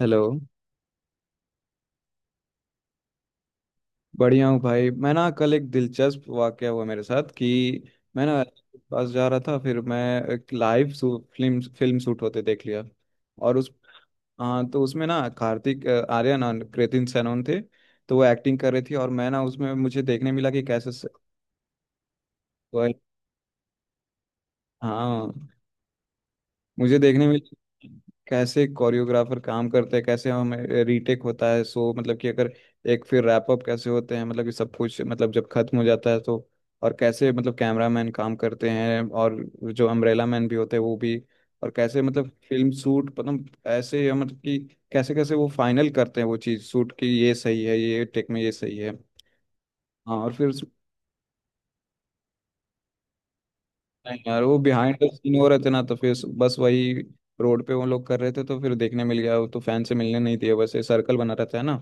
Hello. बढ़िया हूँ भाई। मैं ना कल एक दिलचस्प वाकया हुआ मेरे साथ कि मैं ना पास जा रहा था। फिर मैं एक लाइव फिल्म फिल्म शूट होते देख लिया, और उस हाँ। तो उसमें ना कार्तिक आर्यन और कृतिन सेनन थे। तो वो एक्टिंग कर रहे थे और मैं ना उसमें मुझे देखने मिला कि कैसे वो- हाँ मुझे देखने में कैसे कोरियोग्राफर काम करते हैं, कैसे हमें रीटेक होता है। सो मतलब कि अगर एक फिर रैप अप कैसे होते हैं, मतलब कि सब कुछ, मतलब जब खत्म हो जाता है तो। और कैसे मतलब कैमरा मैन काम करते हैं, और जो अम्ब्रेला मैन भी होते हैं वो भी। और कैसे मतलब फिल्म शूट मतलब ऐसे मतलब कि कैसे कैसे वो फाइनल करते हैं वो चीज़ शूट की, ये सही है ये टेक में ये सही है। हाँ, और फिर नहीं यार वो बिहाइंड द सीन हो रहे थे ना, तो फिर बस वही रोड पे वो लोग कर रहे थे तो फिर देखने मिल गया। वो तो फैन से मिलने नहीं दिए, बस ये सर्कल बना रहता है ना।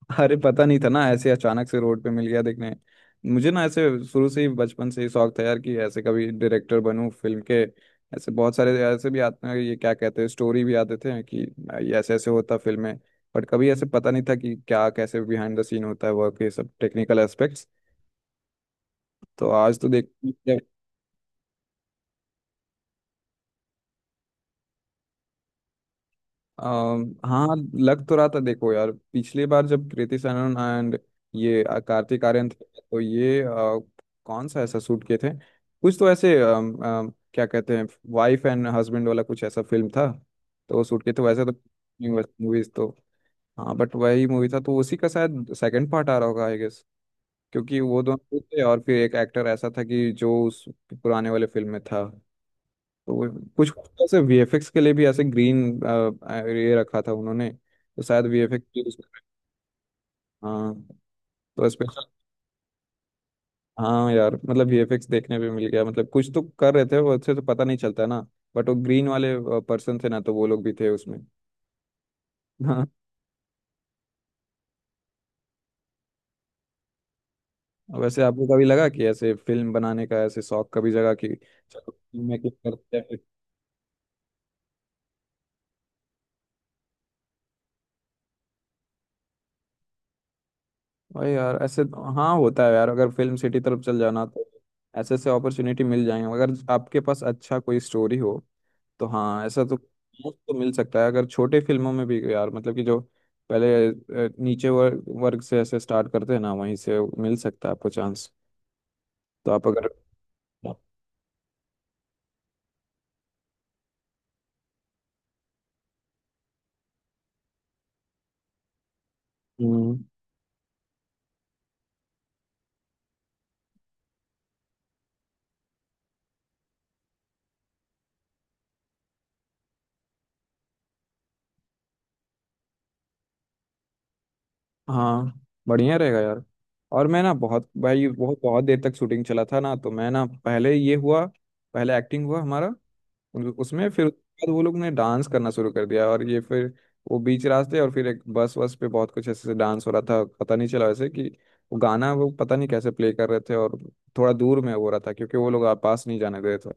अरे पता नहीं था ना, ऐसे अचानक से रोड पे मिल गया देखने। मुझे ना ऐसे शुरू से ही बचपन से ही शौक था यार कि ऐसे कभी डायरेक्टर बनूं फिल्म के। ऐसे बहुत सारे ऐसे भी आते हैं ये क्या कहते हैं, स्टोरी भी आते थे कि ये ऐसे ऐसे होता फिल्म में। बट कभी ऐसे पता नहीं था कि क्या कैसे बिहाइंड द सीन होता है वर्क, ये सब टेक्निकल एस्पेक्ट्स। तो आज तो देख हाँ। लग तो रहा था, देखो यार पिछली बार जब कृति सनन एंड ये कार्तिक आर्यन थे, तो ये कौन सा ऐसा शूट किए थे, कुछ तो ऐसे अम, अम, क्या कहते हैं वाइफ एंड हस्बैंड वाला कुछ ऐसा फिल्म था। तो वो शूट किए थे वैसे तो मूवीज तो, हाँ, बट वही मूवी था तो उसी का शायद सेकंड पार्ट आ रहा होगा आई गेस। क्योंकि वो दोनों थे और फिर एक एक्टर ऐसा था कि जो उस पुराने वाले फिल्म में था। तो वो कुछ कुछ ऐसे वीएफएक्स के लिए भी ऐसे ग्रीन ये रखा था उन्होंने, तो शायद वीएफएक्स भी उस, हाँ तो स्पेशल। हाँ यार, मतलब वीएफएक्स देखने पे मिल गया, मतलब कुछ तो कर रहे थे वो अच्छे तो पता नहीं चलता ना। बट वो ग्रीन वाले पर्सन थे ना तो वो लोग भी थे उसमें। हाँ। वैसे आपको कभी लगा कि ऐसे फिल्म बनाने का ऐसे शौक कभी जगह कि चलो फिल्म मेकिंग करते हैं फिर। भाई यार ऐसे तो, हाँ होता है यार, अगर फिल्म सिटी तरफ चल जाना तो ऐसे ऐसे अपॉर्चुनिटी मिल जाएंगे, अगर आपके पास अच्छा कोई स्टोरी हो तो, हाँ ऐसा तो मौका तो मिल सकता है। अगर छोटे फिल्मों में भी यार मतलब कि जो पहले नीचे वर्ग वर्ग से ऐसे स्टार्ट करते हैं ना, वहीं से मिल सकता है आपको चांस। तो आप अगर, हम्म, हाँ, बढ़िया रहेगा यार। और मैं ना बहुत भाई बहुत बहुत देर तक शूटिंग चला था ना, तो मैं ना पहले ये हुआ, पहले एक्टिंग हुआ हमारा। उसमें फिर उसके बाद वो लोग ने डांस करना शुरू कर दिया, और ये फिर वो बीच रास्ते, और फिर एक बस वस पे बहुत कुछ ऐसे से डांस हो रहा था, पता नहीं चला वैसे कि वो गाना वो पता नहीं कैसे प्ले कर रहे थे। और थोड़ा दूर में हो रहा था क्योंकि वो लोग पास नहीं जाने दे रहे थे।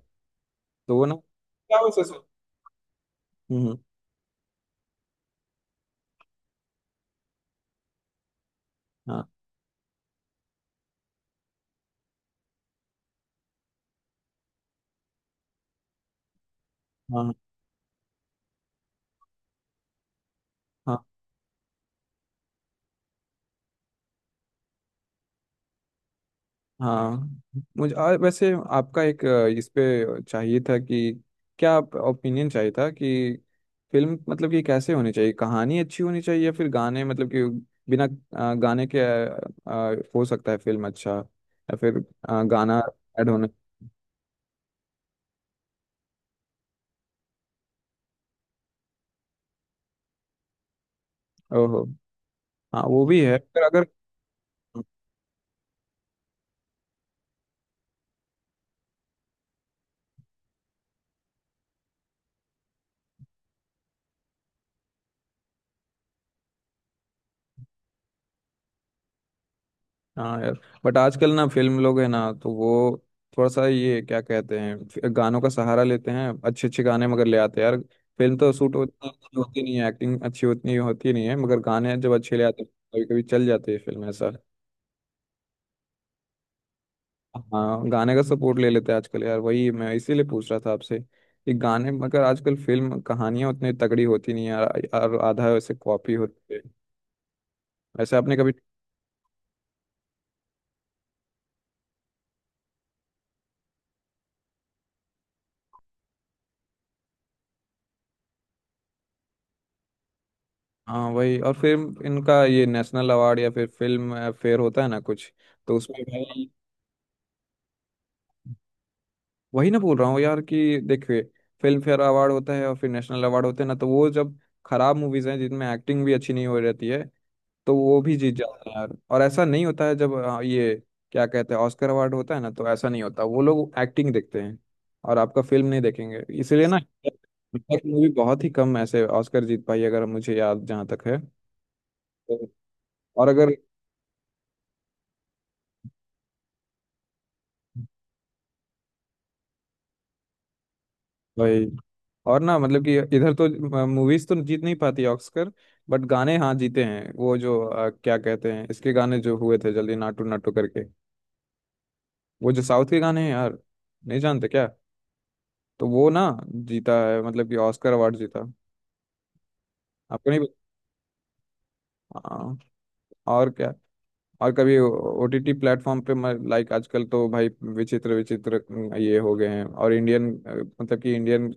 तो वो ना क्या वैसे हम्म हम्म, हाँ हाँ हाँ, हाँ मुझे वैसे आपका एक इस पे चाहिए था कि, क्या आप ओपिनियन चाहिए था कि फिल्म मतलब कि कैसे होनी चाहिए, कहानी अच्छी होनी चाहिए या फिर गाने, मतलब कि बिना गाने के हो सकता है फिल्म अच्छा, या फिर गाना ऐड होना। ओहो। हाँ वो भी है पर अगर, हाँ यार। बट आजकल ना फिल्म लोग है ना तो वो थोड़ा सा ये क्या कहते हैं गानों का सहारा लेते हैं, अच्छे अच्छे गाने मगर ले आते हैं यार। फिल्म तो शूट होती होती नहीं है, एक्टिंग अच्छी उतनी होती नहीं है, मगर गाने जब अच्छे ले आते हैं कभी कभी चल जाती है फिल्म ऐसा। हाँ, गाने का सपोर्ट ले लेते हैं आजकल यार, वही मैं इसीलिए पूछ रहा था आपसे कि गाने मगर आजकल फिल्म कहानियां उतनी तगड़ी होती नहीं है यार, और आधा वैसे कॉपी होती है। वैसे आपने कभी, हाँ वही और फिर इनका ये नेशनल अवार्ड या फिर फिल्म फेयर होता है ना कुछ, तो उसमें भाई वही ना बोल रहा हूँ यार कि देखिए फिल्म फेयर अवार्ड होता है और फिर नेशनल अवार्ड होते हैं ना, तो वो जब खराब मूवीज हैं जिनमें एक्टिंग भी अच्छी नहीं हो रहती है तो वो भी जीत जाते हैं यार। और ऐसा नहीं होता है जब ये क्या कहते हैं ऑस्कर अवार्ड होता है ना, तो ऐसा नहीं होता, वो लोग एक्टिंग देखते हैं और आपका फिल्म नहीं देखेंगे इसलिए ना। मूवी बहुत ही कम ऐसे ऑस्कर जीत पाई अगर मुझे याद जहाँ तक है। तो- और अगर भाई, और ना मतलब कि इधर तो मूवीज तो जीत नहीं पाती ऑस्कर, बट गाने हाँ जीते हैं। वो जो क्या कहते हैं इसके गाने जो हुए थे जल्दी नाटू नाटू करके, वो जो साउथ के गाने हैं यार नहीं जानते क्या, तो वो ना जीता है मतलब कि ऑस्कर अवार्ड जीता, आपको नहीं। हाँ, और क्या। और कभी ओटीटी प्लेटफॉर्म पे लाइक आजकल तो भाई विचित्र विचित्र ये हो गए हैं, और इंडियन मतलब कि इंडियन,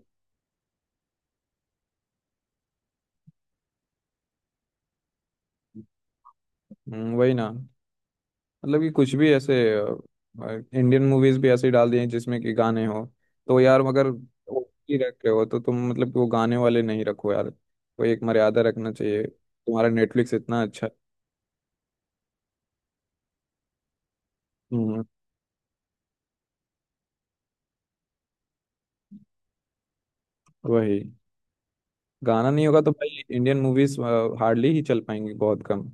वही ना मतलब कि कुछ भी ऐसे इंडियन मूवीज भी ऐसे ही डाल दिए जिसमें कि गाने हो। तो यार अगर ओटीटी रख रहे हो तो तुम मतलब कि वो गाने वाले नहीं रखो यार, कोई एक मर्यादा रखना चाहिए, तुम्हारा नेटफ्लिक्स इतना अच्छा है। हम्म। वही। गाना नहीं होगा तो भाई इंडियन मूवीज हार्डली ही चल पाएंगी बहुत कम।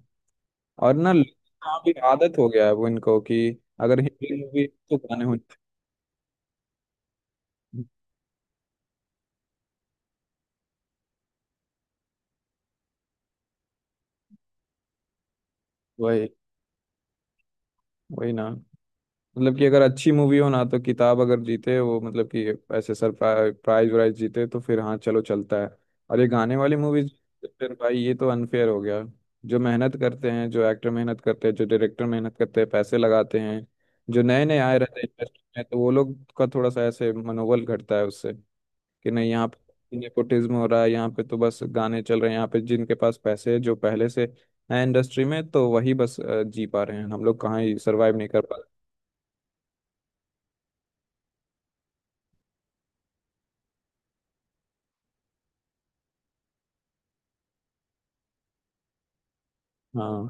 और ना लोगों की आदत हो गया है वो इनको कि अगर हिंदी मूवी तो गाने होते हैं। वही। वही ना, मतलब कि अगर अच्छी मूवी हो ना तो किताब अगर जीते वो, मतलब कि ऐसे सर प्राइज वाइज जीते तो फिर हाँ चलो चलता है। और ये गाने वाली मूवीज, फिर भाई ये तो अनफेयर हो गया। जो मेहनत करते हैं, जो एक्टर मेहनत करते हैं, जो डायरेक्टर मेहनत करते हैं, पैसे लगाते हैं, जो नए नए आए रहते हैं इंडस्ट्री में, तो वो लोग का थोड़ा सा ऐसे मनोबल घटता है उससे कि नहीं, यहाँ पे नेपोटिज्म हो रहा है, यहाँ पे तो बस गाने चल रहे हैं, यहाँ पे जिनके पास पैसे है जो पहले से है इंडस्ट्री में तो वही बस जी पा रहे हैं, हम लोग कहाँ ही सर्वाइव नहीं कर पा रहे। हाँ,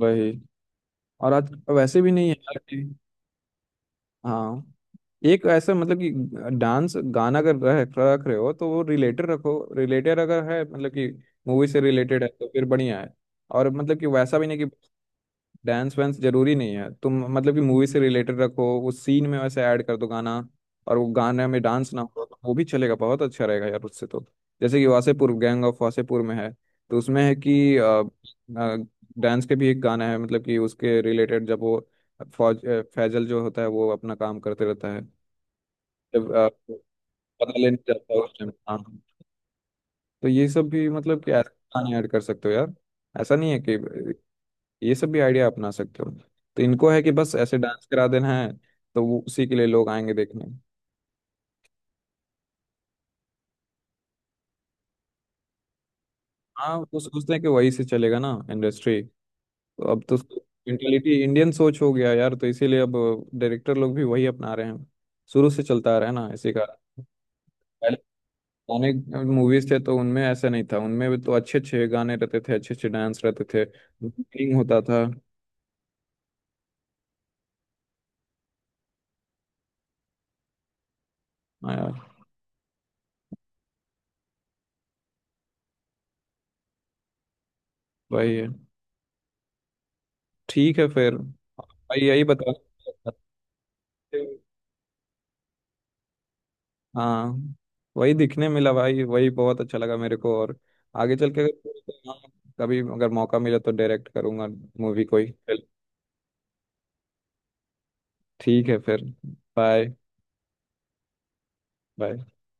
वही। और आज वैसे भी नहीं है यार कि, हाँ एक ऐसा मतलब कि डांस गाना अगर रख रख रहे हो तो वो रिलेटेड रखो, रिलेटेड अगर है मतलब कि मूवी से रिलेटेड है तो फिर बढ़िया है। और मतलब कि वैसा भी नहीं कि डांस वांस जरूरी नहीं है, तुम मतलब कि मूवी से रिलेटेड रखो, उस सीन में वैसे ऐड कर दो गाना, और वो गाने में डांस ना हो तो वो भी चलेगा, बहुत अच्छा रहेगा यार उससे तो। जैसे कि वासेपुर गैंग ऑफ वासेपुर में है, तो उसमें है कि डांस के भी एक गाना है मतलब कि उसके रिलेटेड जब वो फौज फैजल जो होता है वो अपना काम करते रहता है, जब पता लेने जाता है उस टाइम, हाँ। तो ये सब भी मतलब कि ऐसे गाने ऐड कर सकते हो यार, ऐसा नहीं है कि ये सब भी आइडिया अपना सकते हो। तो इनको है कि बस ऐसे डांस करा देना है तो वो उसी के लिए लोग आएंगे देखने। हाँ, वो सोचते हैं कि वही से चलेगा ना इंडस्ट्री, तो अब तो मेंटेलिटी इंडियन सोच हो गया यार, तो इसीलिए अब डायरेक्टर लोग भी वही अपना रहे हैं, शुरू से चलता आ रहा है ना इसी का। पहले पुराने मूवीज थे तो उनमें ऐसा नहीं था, उनमें भी तो अच्छे अच्छे गाने रहते थे, अच्छे अच्छे डांस रहते थे, singing होता था। हाँ यार, वही है। ठीक है फिर भाई यही बता, हाँ वही दिखने मिला भाई वही बहुत अच्छा लगा मेरे को। और आगे चल के अगर हाँ, कभी अगर मौका मिला तो डायरेक्ट करूंगा मूवी कोई चल। ठीक है फिर। बाय। बाय।